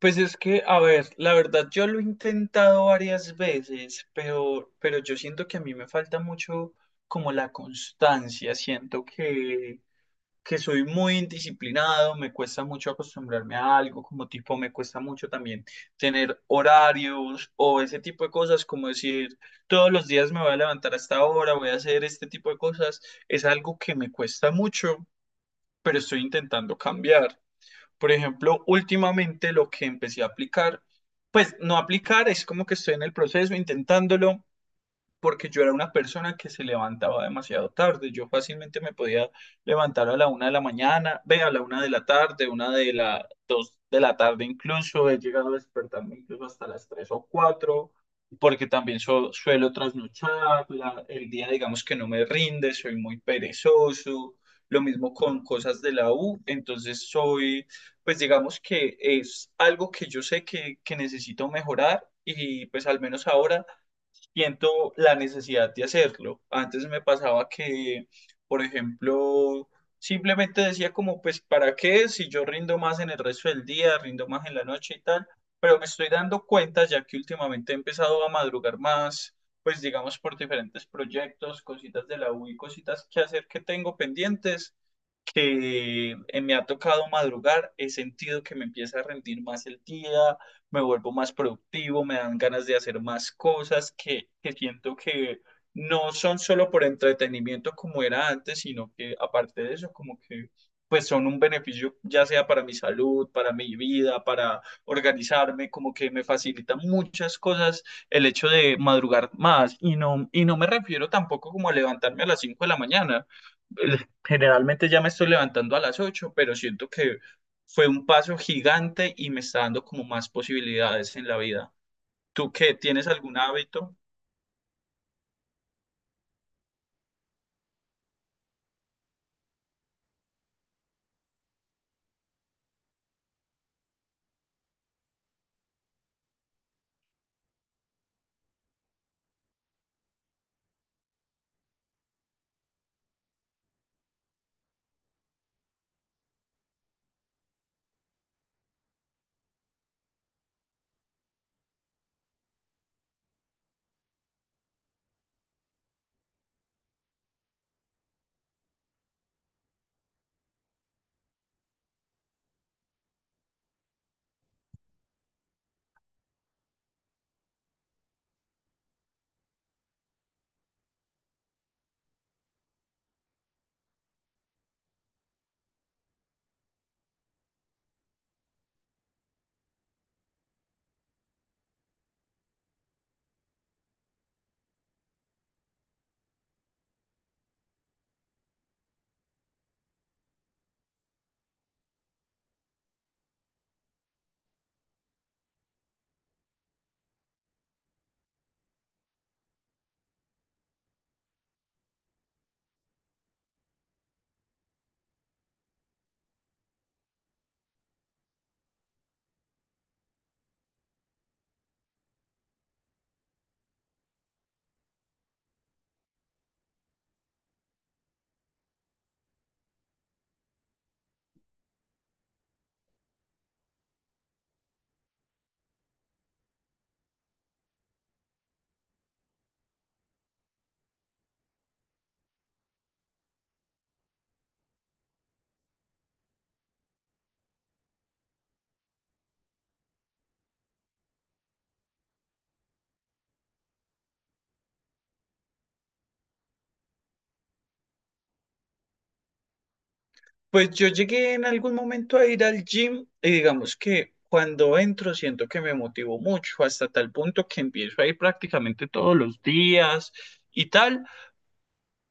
Pues es que, a ver, la verdad yo lo he intentado varias veces, pero yo siento que a mí me falta mucho como la constancia, siento que soy muy indisciplinado, me cuesta mucho acostumbrarme a algo, como tipo me cuesta mucho también tener horarios o ese tipo de cosas, como decir todos los días me voy a levantar a esta hora, voy a hacer este tipo de cosas, es algo que me cuesta mucho, pero estoy intentando cambiar. Por ejemplo, últimamente lo que empecé a aplicar, pues no aplicar, es como que estoy en el proceso intentándolo, porque yo era una persona que se levantaba demasiado tarde. Yo fácilmente me podía levantar a la 1 de la mañana, ve a la 1 de la tarde, una de la tarde incluso, he llegado a despertarme incluso hasta las 3 o 4 porque también suelo trasnochar, el día digamos que no me rinde, soy muy perezoso, lo mismo con cosas de la U, entonces soy, pues digamos que es algo que yo sé que necesito mejorar y pues al menos ahora siento la necesidad de hacerlo. Antes me pasaba que, por ejemplo, simplemente decía como, pues, ¿para qué? Si yo rindo más en el resto del día, rindo más en la noche y tal, pero me estoy dando cuenta ya que últimamente he empezado a madrugar más, pues, digamos, por diferentes proyectos, cositas de la U y cositas que hacer que tengo pendientes, que me ha tocado madrugar, he sentido que me empieza a rendir más el día, me vuelvo más productivo, me dan ganas de hacer más cosas que siento que no son solo por entretenimiento como era antes, sino que aparte de eso, como que pues son un beneficio ya sea para mi salud, para mi vida, para organizarme, como que me facilita muchas cosas el hecho de madrugar más y no me refiero tampoco como a levantarme a las 5 de la mañana. Eh, Generalmente ya me estoy levantando a las 8, pero siento que fue un paso gigante y me está dando como más posibilidades en la vida. ¿Tú qué? ¿Tienes algún hábito? Pues yo llegué en algún momento a ir al gym y digamos que cuando entro siento que me motivo mucho hasta tal punto que empiezo a ir prácticamente todos los días y tal.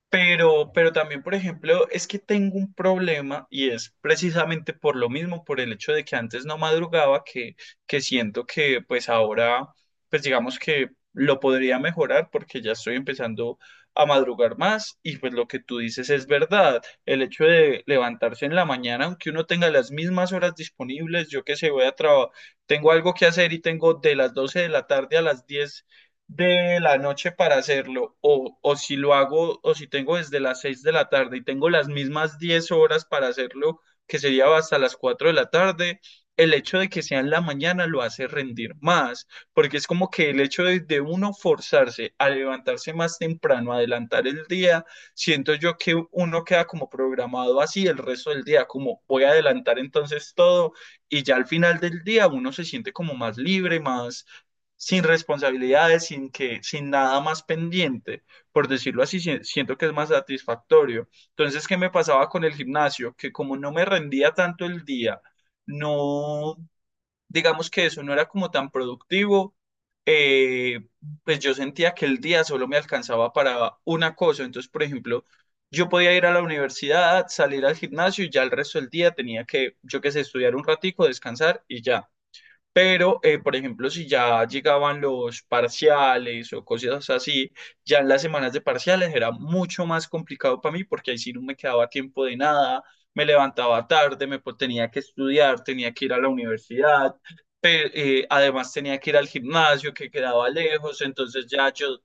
Pero también, por ejemplo, es que tengo un problema y es precisamente por lo mismo, por el hecho de que antes no madrugaba, que siento que pues ahora, pues digamos que lo podría mejorar porque ya estoy empezando a madrugar más y pues lo que tú dices es verdad. El hecho de levantarse en la mañana, aunque uno tenga las mismas horas disponibles, yo que sé, voy a trabajar, tengo algo que hacer y tengo de las 12 de la tarde a las 10 de la noche para hacerlo, o si lo hago, o si tengo desde las 6 de la tarde y tengo las mismas 10 horas para hacerlo, que sería hasta las 4 de la tarde, el hecho de que sea en la mañana lo hace rendir más, porque es como que el hecho de uno forzarse a levantarse más temprano, adelantar el día, siento yo que uno queda como programado así el resto del día, como voy a adelantar entonces todo y ya al final del día uno se siente como más libre, más, sin responsabilidades, sin que, sin nada más pendiente, por decirlo así, siento que es más satisfactorio. Entonces, ¿qué me pasaba con el gimnasio? Que como no me rendía tanto el día, no, digamos que eso no era como tan productivo, eh, pues yo sentía que el día solo me alcanzaba para una cosa. Entonces, por ejemplo, yo podía ir a la universidad, salir al gimnasio y ya el resto del día tenía que, yo qué sé, estudiar un ratico, descansar y ya. Pero, por ejemplo, si ya llegaban los parciales o cosas así, ya en las semanas de parciales era mucho más complicado para mí porque ahí sí no me quedaba tiempo de nada, me levantaba tarde, tenía que estudiar, tenía que ir a la universidad, pe- además tenía que ir al gimnasio que quedaba lejos, entonces ya yo.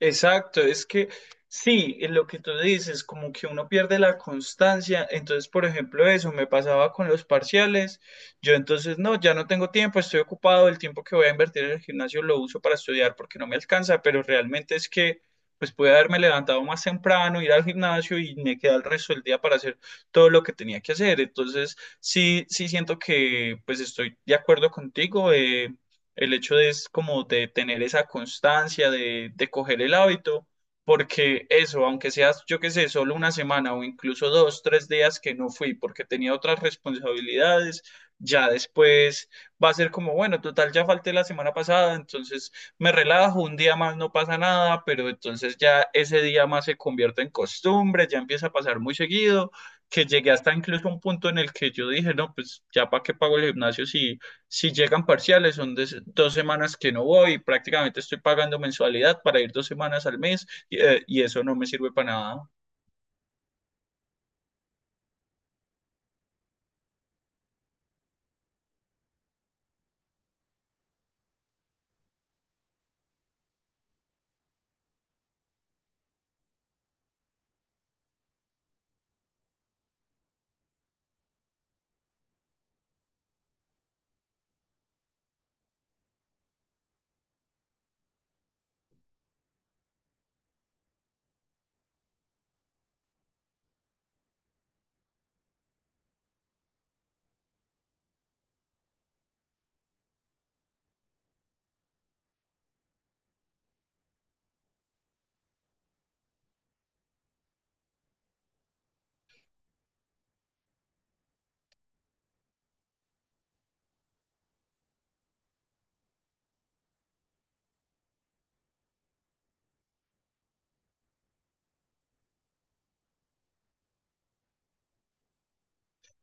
Exacto, es que sí, es lo que tú dices, como que uno pierde la constancia, entonces por ejemplo eso me pasaba con los parciales, yo entonces no, ya no tengo tiempo, estoy ocupado, el tiempo que voy a invertir en el gimnasio lo uso para estudiar porque no me alcanza, pero realmente es que pues pude haberme levantado más temprano, ir al gimnasio y me queda el resto del día para hacer todo lo que tenía que hacer, entonces sí, sí siento que pues estoy de acuerdo contigo. El hecho de es como de tener esa constancia, de coger el hábito, porque eso, aunque seas, yo qué sé, solo una semana o incluso dos, 3 días que no fui porque tenía otras responsabilidades, ya después va a ser como, bueno, total, ya falté la semana pasada, entonces me relajo, un día más no pasa nada, pero entonces ya ese día más se convierte en costumbre, ya empieza a pasar muy seguido, que llegué hasta incluso un punto en el que yo dije, no, pues ya para qué pago el gimnasio si llegan parciales, son 2 semanas que no voy, prácticamente estoy pagando mensualidad para ir 2 semanas al mes y y eso no me sirve para nada.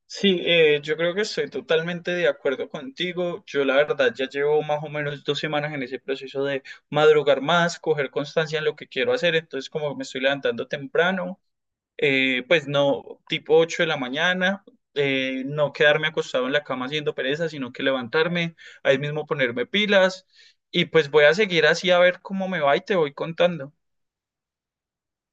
Sí, yo creo que estoy totalmente de acuerdo contigo. Yo la verdad ya llevo más o menos 2 semanas en ese proceso de madrugar más, coger constancia en lo que quiero hacer. Entonces, como me estoy levantando temprano, pues no, tipo 8 de la mañana, no quedarme acostado en la cama haciendo pereza, sino que levantarme, ahí mismo ponerme pilas y pues voy a seguir así a ver cómo me va y te voy contando.